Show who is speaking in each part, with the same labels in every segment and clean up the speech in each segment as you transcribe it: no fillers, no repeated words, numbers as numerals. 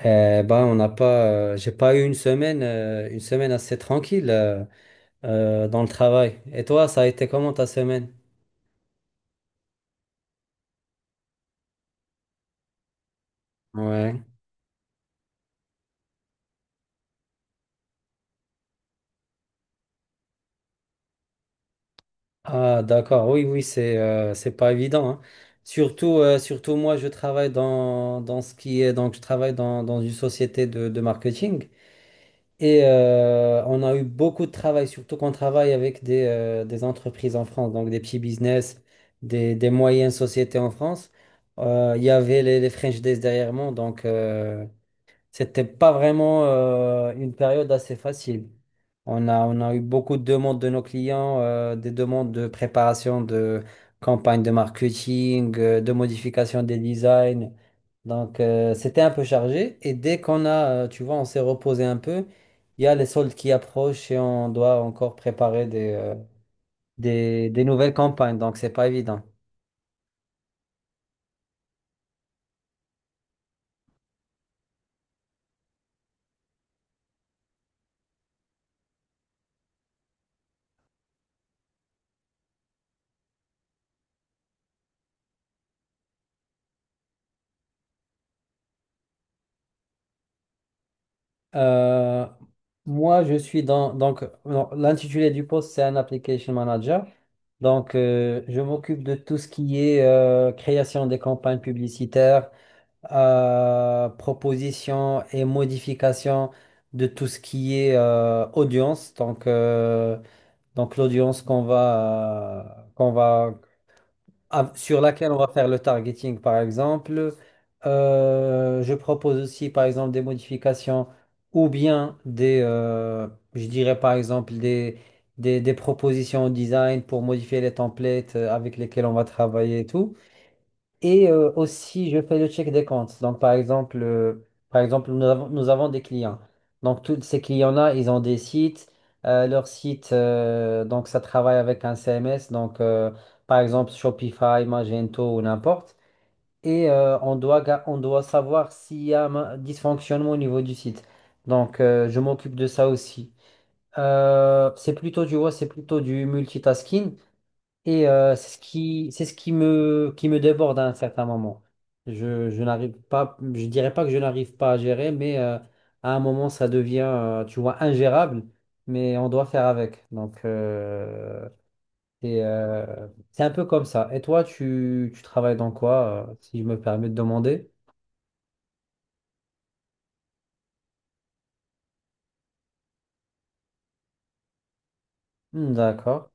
Speaker 1: Eh ben, on n'a pas, j'ai pas eu une semaine assez tranquille dans le travail. Et toi, ça a été comment ta semaine? Ouais. Ah, d'accord. Oui, oui, c'est pas évident, hein. Surtout, surtout moi, je travaille dans ce qui est donc je travaille dans une société de marketing. Et on a eu beaucoup de travail, surtout qu'on travaille avec des entreprises en France, donc des petits business, des moyennes sociétés en France. Il y avait les French Days derrière moi, donc c'était pas vraiment une période assez facile. On a eu beaucoup de demandes de nos clients, des demandes de préparation de campagnes de marketing, de modification des designs. Donc, c'était un peu chargé. Et dès qu'on a, tu vois, on s'est reposé un peu, il y a les soldes qui approchent et on doit encore préparer des nouvelles campagnes. Donc, c'est pas évident. Euh, moi, je suis dans donc non, l'intitulé du poste, c'est un application manager. Donc, je m'occupe de tout ce qui est création des campagnes publicitaires, proposition et modification de tout ce qui est audience. Donc l'audience qu'on va sur laquelle on va faire le targeting, par exemple. Je propose aussi, par exemple, des modifications ou bien je dirais, par exemple, des propositions au design pour modifier les templates avec lesquels on va travailler et tout. Et aussi, je fais le check des comptes. Donc, par exemple nous avons des clients. Donc, tous ces clients-là, ils ont des sites. Leur site, donc, ça travaille avec un CMS. Donc, par exemple, Shopify, Magento ou n'importe. Et on doit, on doit savoir s'il y a un dysfonctionnement au niveau du site. Donc, je m'occupe de ça aussi. C'est plutôt, tu vois, c'est plutôt du multitasking. Et c'est ce qui me déborde à un certain moment. Je n'arrive pas, je dirais pas que je n'arrive pas à gérer, mais à un moment, ça devient, tu vois, ingérable, mais on doit faire avec. Donc, c'est un peu comme ça. Et toi, tu travailles dans quoi, si je me permets de demander? Hmm, d'accord.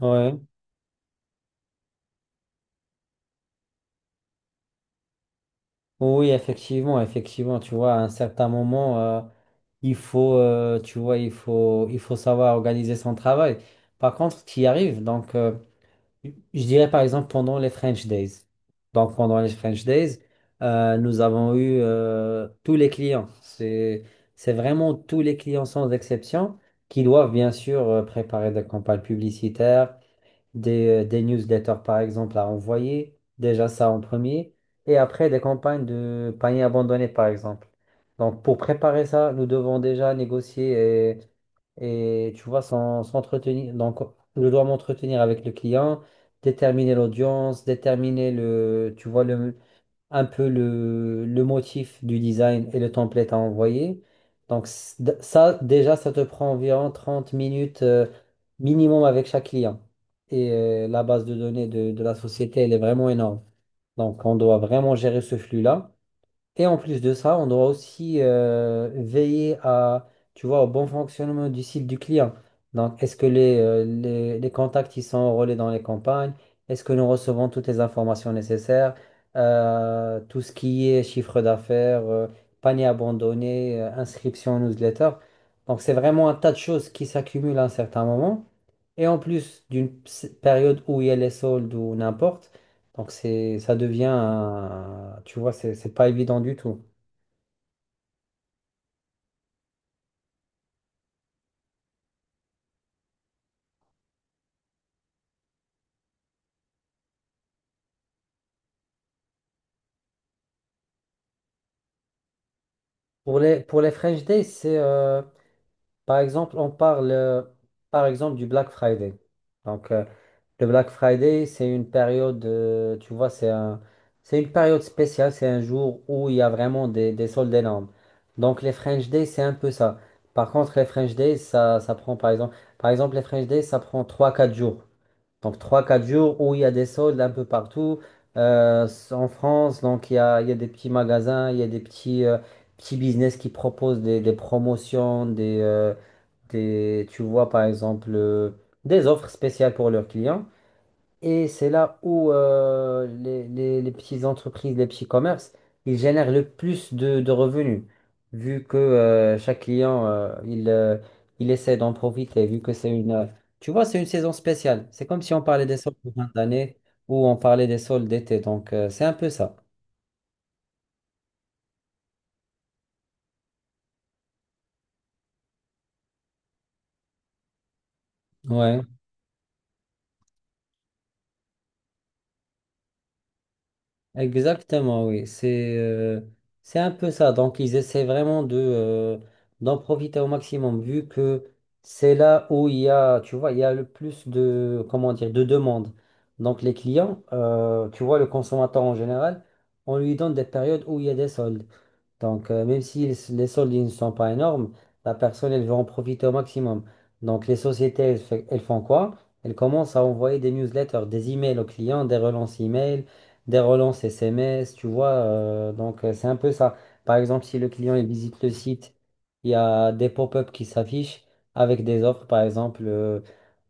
Speaker 1: Ouais. Oui, effectivement, effectivement, tu vois, à un certain moment, il faut, tu vois, il faut savoir organiser son travail. Par contre, tu y arrives. Donc, je dirais par exemple pendant les French Days. Donc, pendant les French Days, nous avons eu tous les clients. C'est vraiment tous les clients sans exception qui doivent bien sûr préparer des campagnes publicitaires, des newsletters, par exemple, à envoyer, déjà ça en premier, et après des campagnes de paniers abandonnés, par exemple. Donc, pour préparer ça, nous devons déjà négocier tu vois, s'entretenir. Donc, je dois m'entretenir avec le client, déterminer l'audience, déterminer le, tu vois, un peu le motif du design et le template à envoyer. Donc ça, déjà, ça te prend environ 30 minutes minimum avec chaque client. Et la base de données de la société, elle est vraiment énorme. Donc on doit vraiment gérer ce flux-là. Et en plus de ça, on doit aussi veiller à, tu vois, au bon fonctionnement du site du client. Donc, est-ce que les contacts ils sont enrôlés dans les campagnes? Est-ce que nous recevons toutes les informations nécessaires? Tout ce qui est chiffre d'affaires, panier abandonné, inscription en newsletter. Donc, c'est vraiment un tas de choses qui s'accumulent à un certain moment. Et en plus d'une période où il y a les soldes ou n'importe, donc ça devient, tu vois, c'est pas évident du tout. Pour pour les French Days, par exemple, on parle, par exemple, du Black Friday. Donc, le Black Friday, c'est une période, tu vois, c'est une période spéciale, c'est un jour où il y a vraiment des soldes énormes. Donc, les French Days, c'est un peu ça. Par contre, les French Days, ça prend, par exemple, les French Days, ça prend trois quatre jours. Donc trois quatre jours où il y a des soldes un peu partout. En France, donc il y a des petits magasins, il y a des petits, petits business qui proposent des promotions, tu vois par exemple, des offres spéciales pour leurs clients. Et c'est là où les petites entreprises, les petits commerces, ils génèrent le plus de revenus, vu que chaque client, il essaie d'en profiter, vu que tu vois, c'est une saison spéciale. C'est comme si on parlait des soldes de fin d'année ou on parlait des soldes d'été. Donc, c'est un peu ça. Ouais. Exactement, oui. C'est un peu ça. Donc, ils essaient vraiment de d'en profiter au maximum, vu que c'est là où il y a, tu vois, il y a le plus de, comment dire, de demandes. Donc, les clients, tu vois, le consommateur en général, on lui donne des périodes où il y a des soldes. Donc, même si les soldes ils ne sont pas énormes, la personne, elle veut en profiter au maximum. Donc, les sociétés, elles, elles font quoi? Elles commencent à envoyer des newsletters, des emails aux clients, des relances email, des relances SMS, tu vois. C'est un peu ça. Par exemple, si le client, il visite le site, il y a des pop-up qui s'affichent avec des offres, par exemple,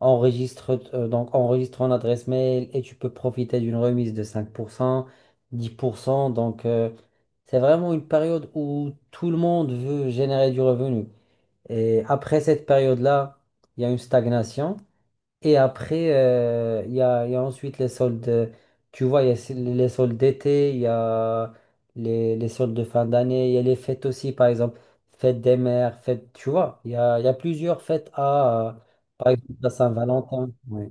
Speaker 1: enregistre, donc, enregistre ton adresse mail et tu peux profiter d'une remise de 5%, 10%. Donc, c'est vraiment une période où tout le monde veut générer du revenu. Et après cette période-là, il y a une stagnation. Et après, il y a ensuite les soldes. Tu vois, il y a les soldes d'été, il y a les soldes de fin d'année, il y a les fêtes aussi, par exemple, fête des mères, fête, tu vois, il y a plusieurs fêtes à, par exemple, à Saint-Valentin. Ouais.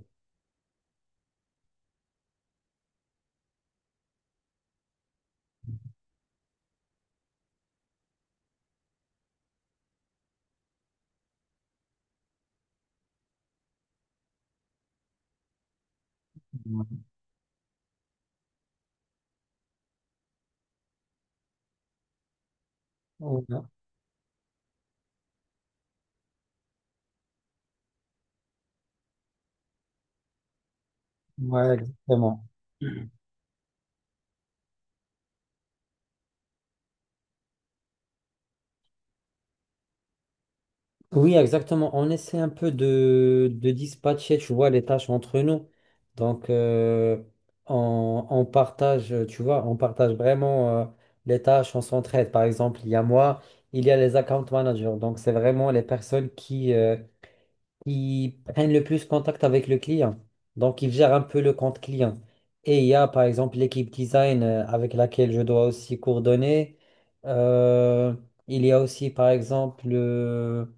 Speaker 1: Ouais, ouais, exactement. Oui, exactement. On essaie un peu de dispatcher, tu vois, les tâches entre nous. Donc, on partage, tu vois, on partage vraiment les tâches, on s'entraide. Par exemple, il y a moi, il y a les account managers. Donc, c'est vraiment les personnes qui prennent le plus contact avec le client. Donc, ils gèrent un peu le compte client. Et il y a, par exemple, l'équipe design avec laquelle je dois aussi coordonner. Euh, il y a aussi, par exemple, le-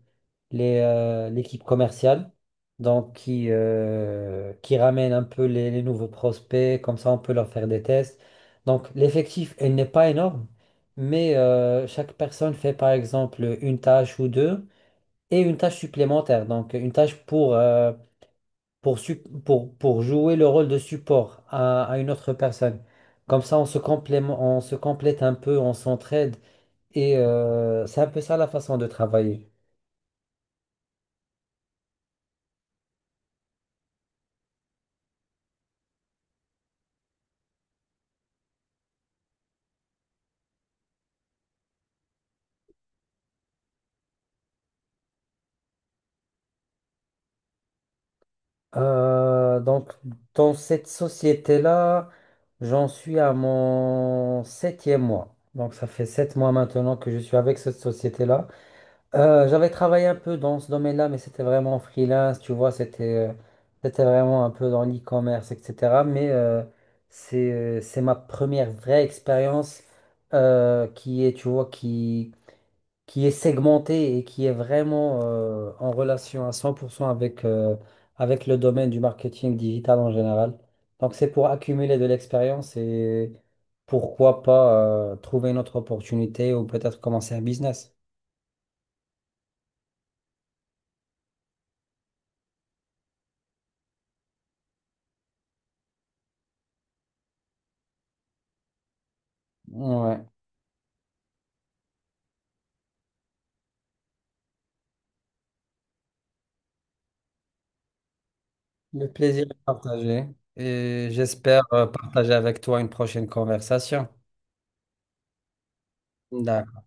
Speaker 1: les, euh, l'équipe commerciale, donc qui ramène un peu les nouveaux prospects, comme ça on peut leur faire des tests. Donc l'effectif, il n'est pas énorme, mais chaque personne fait par exemple une tâche ou deux, et une tâche supplémentaire, donc une tâche pour, pour jouer le rôle de support à une autre personne. Comme ça, on se complète un peu, on s'entraide, et c'est un peu ça la façon de travailler. Euh, donc, dans cette société-là, j'en suis à mon 7e mois. Donc, ça fait 7 mois maintenant que je suis avec cette société-là. J'avais travaillé un peu dans ce domaine-là, mais c'était vraiment en freelance, tu vois, c'était c'était vraiment un peu dans l'e-commerce, etc. Mais c'est ma première vraie expérience qui est, tu vois, qui est segmentée et qui est vraiment en relation à 100% avec, avec le domaine du marketing digital en général. Donc c'est pour accumuler de l'expérience et pourquoi pas trouver une autre opportunité ou peut-être commencer un business. Ouais. Le plaisir est partagé et j'espère partager avec toi une prochaine conversation. D'accord.